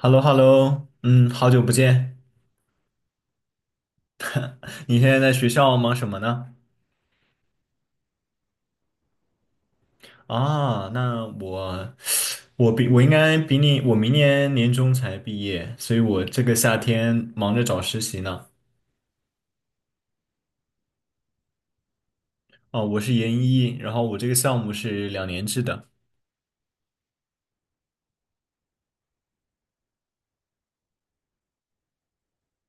h e l l o h e l l o 嗯，好久不见。你现在在学校忙什么呢？啊，我比我应该比你，我明年年中才毕业，所以我这个夏天忙着找实习呢。哦，我是研一，然后我这个项目是两年制的。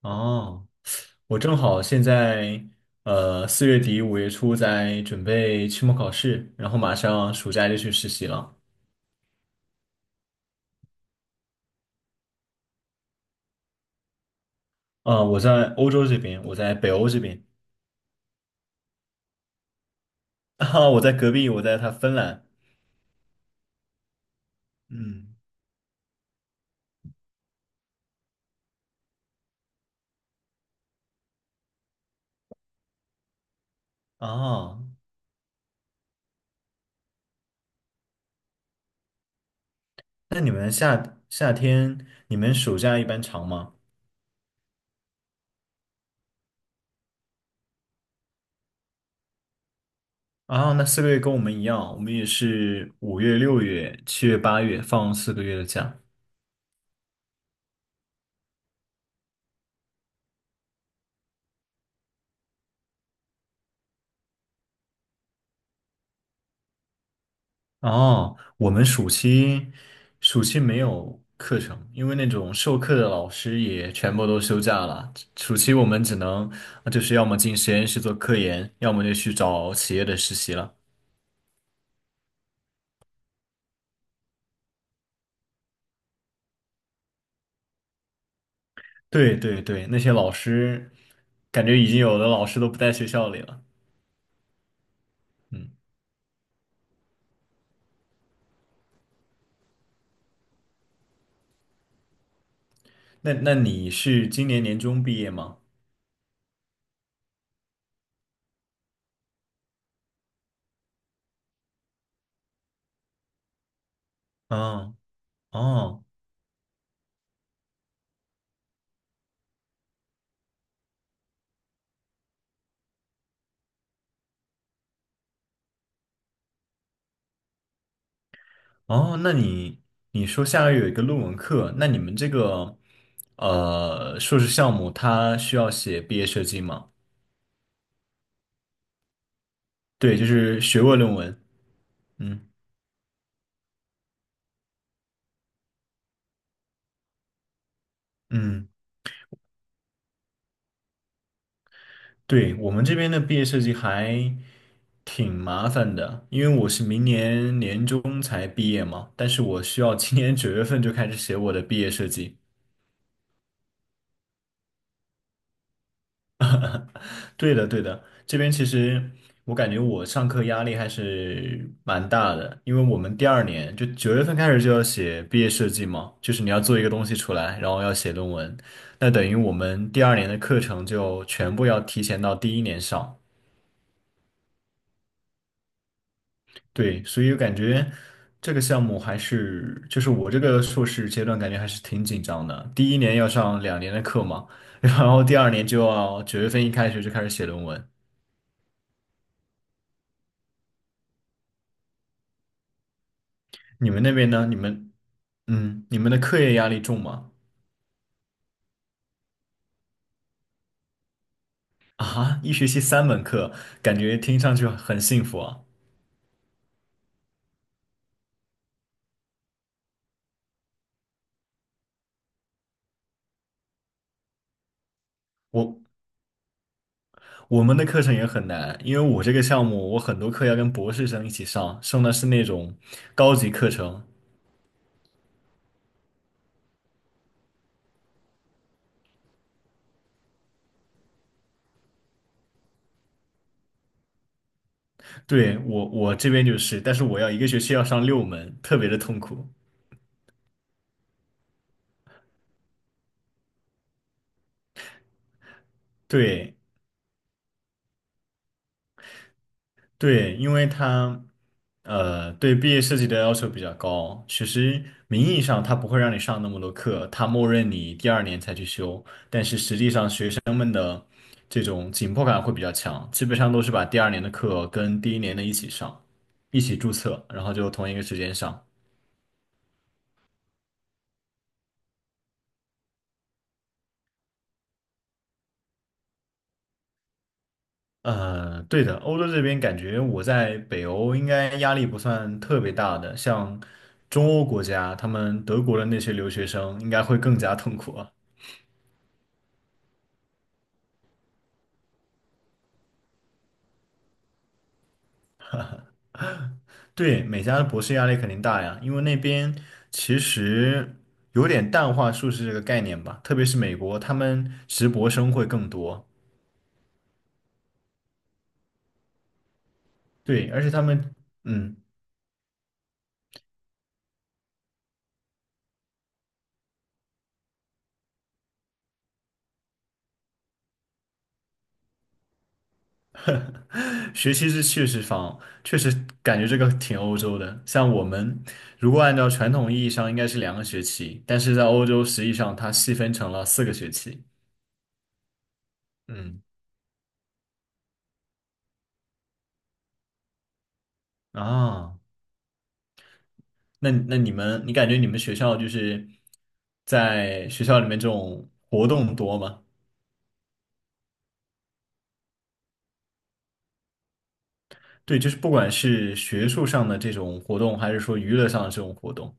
哦，我正好现在，四月底五月初在准备期末考试，然后马上暑假就去实习了。啊，我在欧洲这边，我在北欧这边，啊，我在他芬兰。嗯，哦，那你们夏夏天，你们暑假一般长吗？啊，那四个月跟我们一样，我们也是五月、六月、七月、八月放四个月的假。哦，我们暑期没有课程，因为那种授课的老师也全部都休假了。暑期我们只能就是要么进实验室做科研，要么就去找企业的实习了。对对对，那些老师感觉已经有的老师都不在学校里了。嗯。那那你是今年年中毕业吗？哦哦。哦，那你说下个月有一个论文课，那你们这个硕士项目它需要写毕业设计吗？对，就是学位论文。嗯。嗯，对，我们这边的毕业设计还挺麻烦的，因为我是明年年中才毕业嘛，但是我需要今年九月份就开始写我的毕业设计。对的，对的，这边其实我感觉我上课压力还是蛮大的，因为我们第二年就九月份开始就要写毕业设计嘛，就是你要做一个东西出来，然后要写论文，那等于我们第二年的课程就全部要提前到第一年上。对，所以我感觉这个项目还是，就是我这个硕士阶段感觉还是挺紧张的，第一年要上两年的课嘛，然后第二年就要九月份一开学就开始写论文。你们那边呢？你们？嗯，你们的课业压力重吗？啊，一学期三门课，感觉听上去很幸福啊。我我们的课程也很难，因为我这个项目，我很多课要跟博士生一起上，上的是那种高级课程。对，我我这边就是，但是我要一个学期要上六门，特别的痛苦。对对，因为对毕业设计的要求比较高，其实名义上他不会让你上那么多课，他默认你第二年才去修。但是实际上学生。这种紧迫感会比较强，基本上都是把第二年的课跟第一年的一起上，一起注册，然后就同一个时间上。对的，欧洲这边感觉我在北欧应该压力不算特别大的，像中欧国家，他们德国的那些留学生应该会更加痛苦啊。对，美加的博士压力肯定大呀，因为那边其实有点淡化硕士这个概念吧，特别是美国，他们直博生会更多。对，而且他们，嗯。学习是确实方，确实感觉这个挺欧洲的。像我们如果按照传统意义上应该是两个学期，但是在欧洲实际上它细分成了四个学期。嗯，啊，那那你们，你感觉你们学校就是在学校里面这种活动多吗？对，就是不管是学术上的这种活动，还是说娱乐上的这种活动。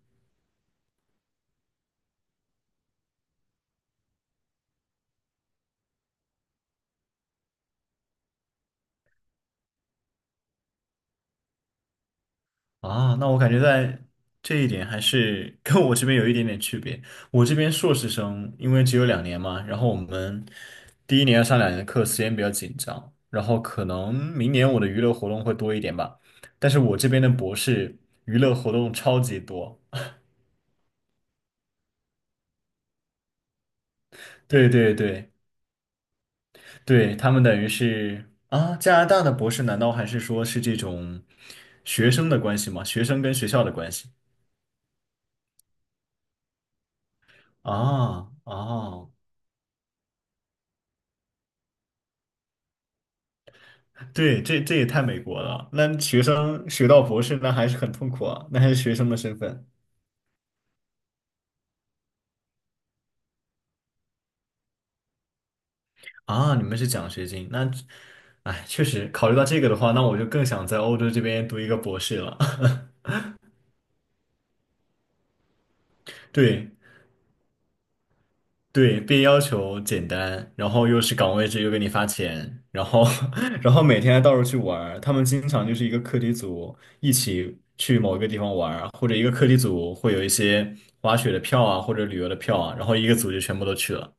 啊，那我感觉在这一点还是 跟我这边有一点点区别。我这边硕士生因为只有两年嘛，然后我们第一年要上两年的课，时间比较紧张，然后可能明年我的娱乐活动会多一点吧。但是我这边的博士娱乐活动超级多，对对对对，他们等于是啊，加拿大的博士难道还是说是这种学生的关系吗？学生跟学校的关系？啊啊，哦对，这这也太美国了。那学生学到博士，那还是很痛苦啊，那还是学生的身份啊。你们是奖学金，那，哎，确实考虑到这个的话，那我就更想在欧洲这边读一个博士了。对对，被要求简单，然后又是岗位制，又给你发钱，然后 然后每天还到处去玩儿他们经常就是一个课题组一起去某一个地方玩儿或者一个课题组会有一些滑雪的票啊，或者旅游的票啊，然后一个组就全部都去了。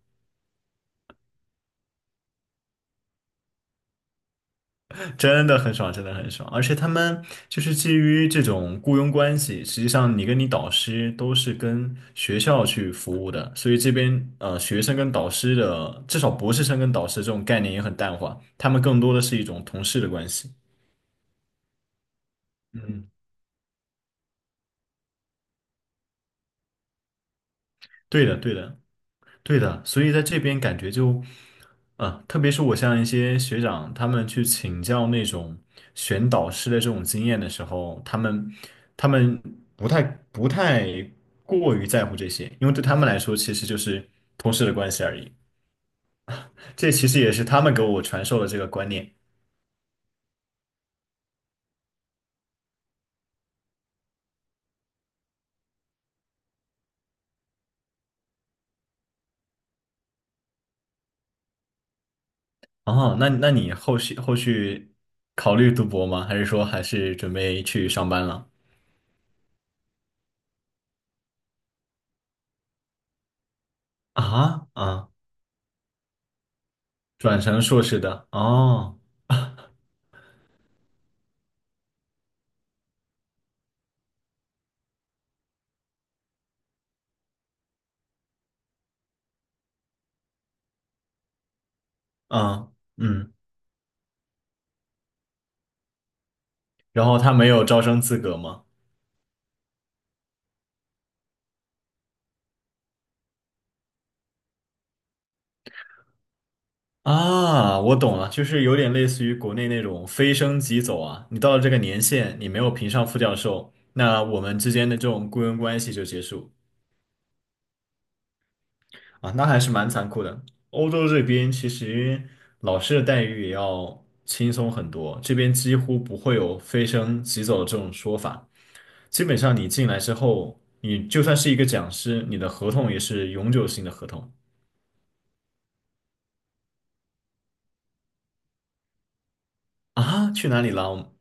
真的很爽，真的很爽。而且他们就是基于这种雇佣关系，实际上你跟你导师都是跟学校去服务的，所以这边学生跟导师的，至少博士生跟导师这种概念也很淡化，他们更多的是一种同事的关系。嗯，对的，对的。对的，所以在这边感觉就，啊，特别是我像一些学长，他们去请教那种选导师的这种经验的时候，他们不太不太过于在乎这些，因为对他们来说其实就是同事的关系而已。这其实也是他们给我传授的这个观念。哦，那那你后续考虑读博吗？还是说还是准备去上班了？啊啊，转成硕士的哦，啊嗯。然后他没有招生资格吗？啊，我懂了，就是有点类似于国内那种非升即走啊，你到了这个年限，你没有评上副教授，那我们之间的这种雇佣关系就结束啊，那还是蛮残酷的。欧洲这边其实老师的待遇也要轻松很多，这边几乎不会有非升即走的这种说法，基本上你进来之后，你就算是一个讲师，你的合同也是永久性的合同啊。去哪里了？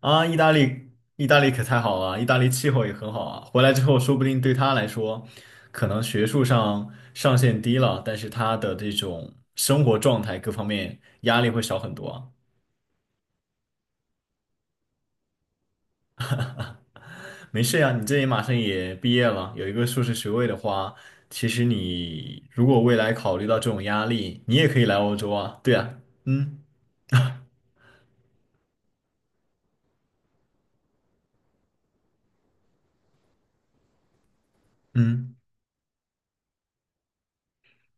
啊，意大利，意大利可太好了，意大利气候也很好啊。回来之后，说不定对他来说，可能学术上上限低了，但是他的这种生活状态各方面压力会少很多啊没事呀，你这也马上也毕业了，有一个硕士学位的话，其实你如果未来考虑到这种压力，你也可以来欧洲啊。对啊，嗯。嗯。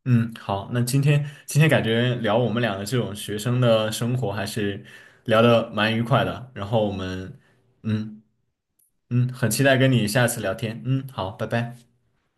嗯，好，那今天感觉聊我们俩的这种学生的生活还是聊的蛮愉快的，然后我们，嗯。嗯，很期待跟你下次聊天，嗯，好，拜拜。